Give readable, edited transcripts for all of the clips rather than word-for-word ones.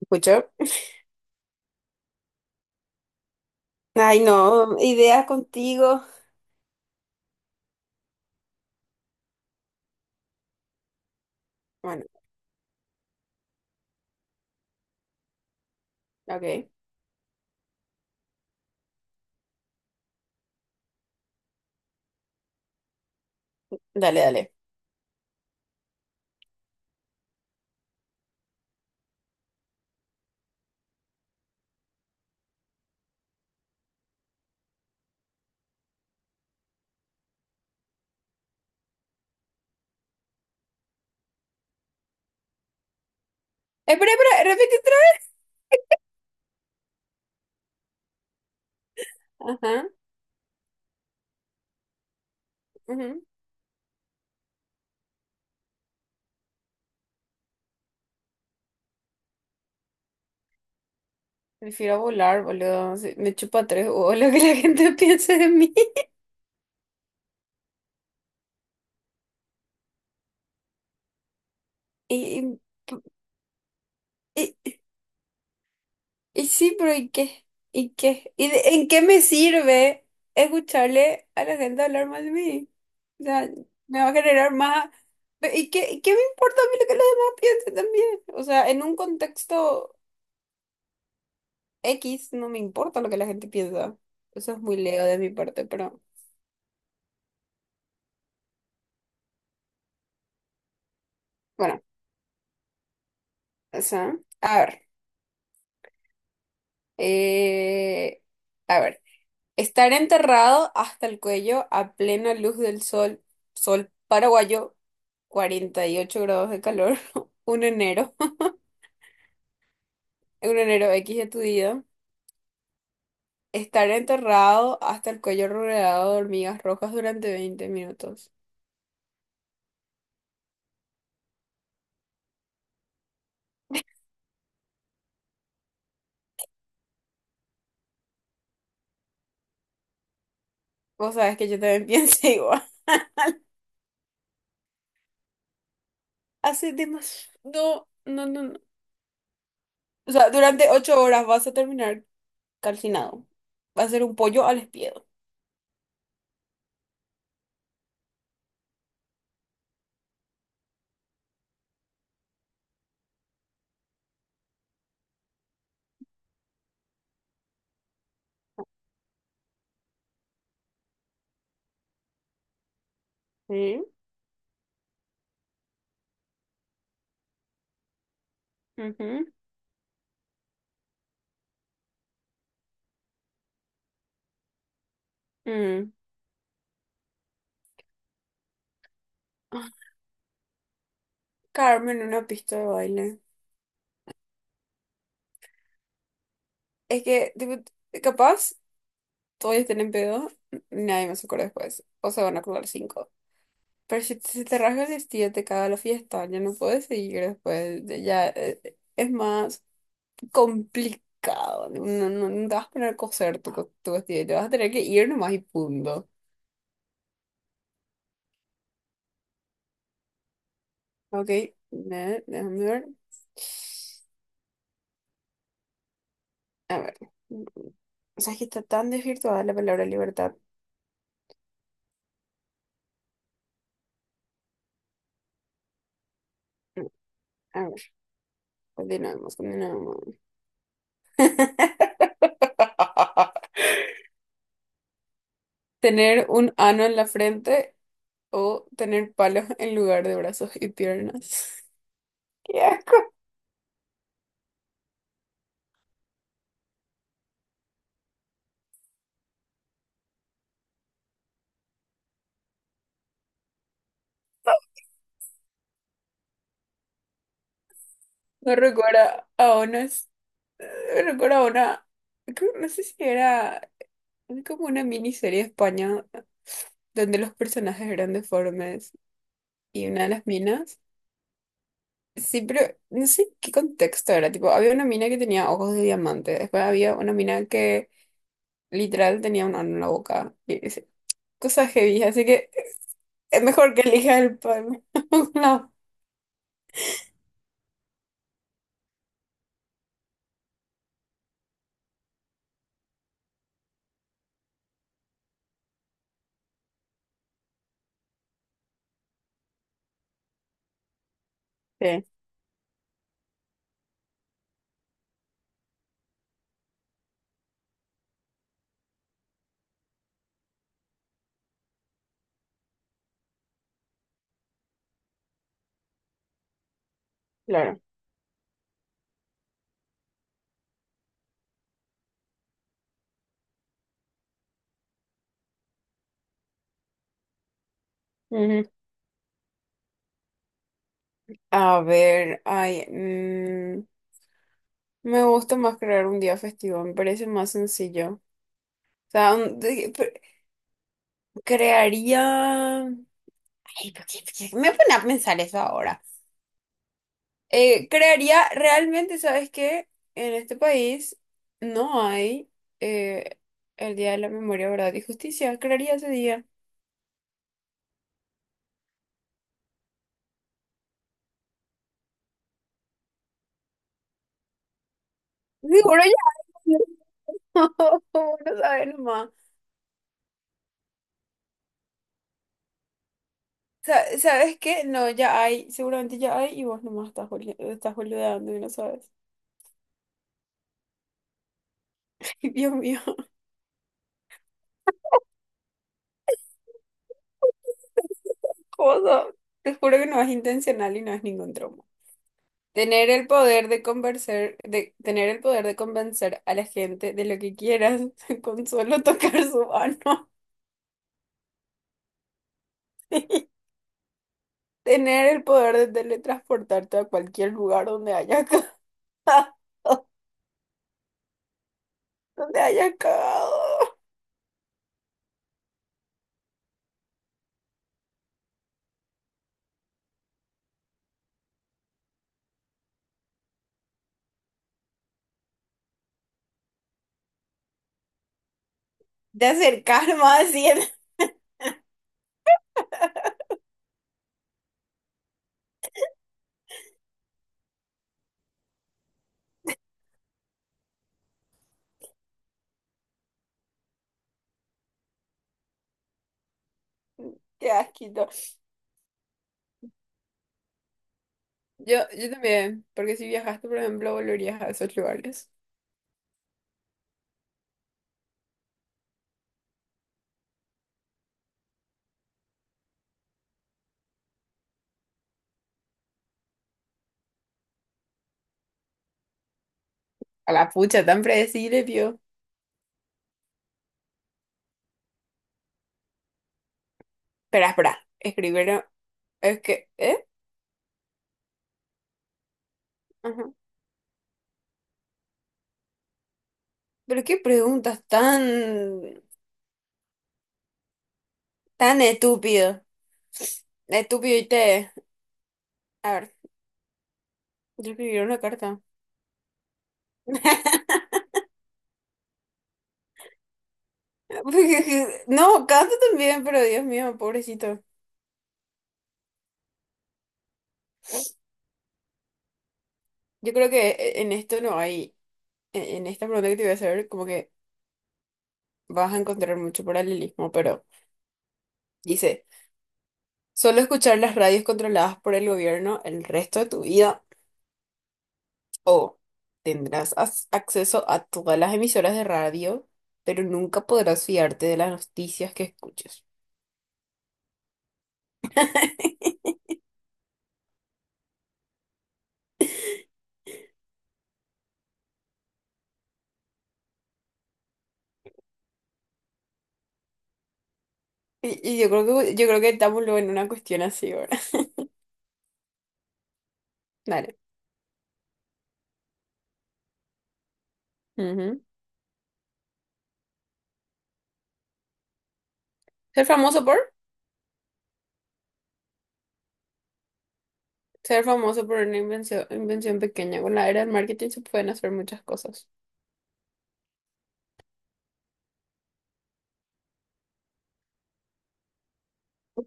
¿Escucho? Ay, no, ideas contigo. Bueno, ok. Dale, dale. Espera, espera, repite otra vez. Ajá, ujú. Prefiero volar, boludo. Sí, me chupa tres huevos lo que la gente piense de mí. Y, y, y- y sí, pero ¿y qué? ¿Y qué? ¿En qué me sirve escucharle a la gente hablar mal de mí? O sea, me va a generar más... y qué me importa a mí lo que los demás piensen también? O sea, en un contexto... X, no me importa lo que la gente piensa. Eso es muy leo de mi parte, pero bueno, o sea, a ver. eh, a ver. Estar enterrado hasta el cuello a plena luz del sol, sol paraguayo, 48 grados de calor, un enero, un enero X de tu vida. Estar enterrado hasta el cuello rodeado de hormigas rojas durante 20 minutos. Vos sabés que yo también pienso igual. Hace demasiado. No, no, no. No. O sea, durante 8 horas vas a terminar calcinado. Va a ser un pollo al espiedo. Sí. Ujú. Mm. Ah, Carmen, una pista de baile. Es que, tipo, capaz, todos estén en pedo, nadie más se acuerda después. O se van a acordar cinco. Pero si se te rasga el vestido, te caga la fiesta, ya no puedes seguir después. Ya es más complicado. No, no, no te vas a poner a coser tu vestido, te vas a tener que ir nomás y punto. Ok, déjame ver. A ver, mm, o sea, es que está tan desvirtuada la palabra libertad. Mm, A ver, continuemos. Tener un ano en la frente o tener palos en lugar de brazos y piernas. ¡Qué asco! Me recuerda a unas, me recuerda a una, no sé si era como una miniserie de España donde los personajes eran deformes y una de las minas sí, pero no sé qué contexto era. Tipo, había una mina que tenía ojos de diamante. Después había una mina que literal tenía un ano en la boca. Y sí, cosas heavy. Así que es mejor que elija el pan. No. Sí, claro. Ujú. A ver, ay, me gusta más crear un día festivo. Me parece más sencillo. O sea, crearía. Ay, ¿por qué me pone a pensar eso ahora? Crearía, realmente, ¿sabes qué? En este país no hay eh, el Día de la Memoria, Verdad y Justicia. Crearía ese día. Seguro ya hay. No, sabes nomás. ¿Sabes qué? No, ya hay, seguramente ya hay y vos nomás estás, estás boludeando y no sabes. Dios mío, ¿cómo sos? Te juro que no es intencional y no es ningún trauma. Tener el poder de convencer, de tener el poder de convencer a la gente de lo que quieras con solo tocar su mano. Tener el poder de teletransportarte a cualquier lugar donde hayas cagado. Donde hayas cagado. De acercar más así. Qué asquito. Yo también. Porque si viajaste, por ejemplo, volverías a esos lugares. A la pucha, tan predecible, vio. Espera, espera. Escribieron. Es que. ¿Eh? Ajá. Pero qué preguntas tan. Tan estúpido. Estúpido y te. A ver. Yo escribí una carta. No, canta también, pero Dios mío, pobrecito. Yo creo que en esto no hay, en esta pregunta que te voy a hacer, como que vas a encontrar mucho paralelismo, pero dice, solo escuchar las radios controladas por el gobierno el resto de tu vida o tendrás acceso a todas las emisoras de radio, pero nunca podrás fiarte de las noticias que escuches. Y yo creo que estamos luego en una cuestión así, ahora dale. Ujú. Ser famoso por... Ser famoso por una invención, invención pequeña. Con la era del marketing se pueden hacer muchas cosas.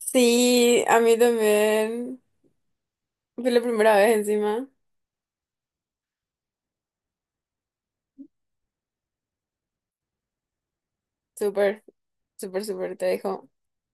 Sí, a mí también. Fue la primera vez encima. Súper, súper, súper. Te dejo.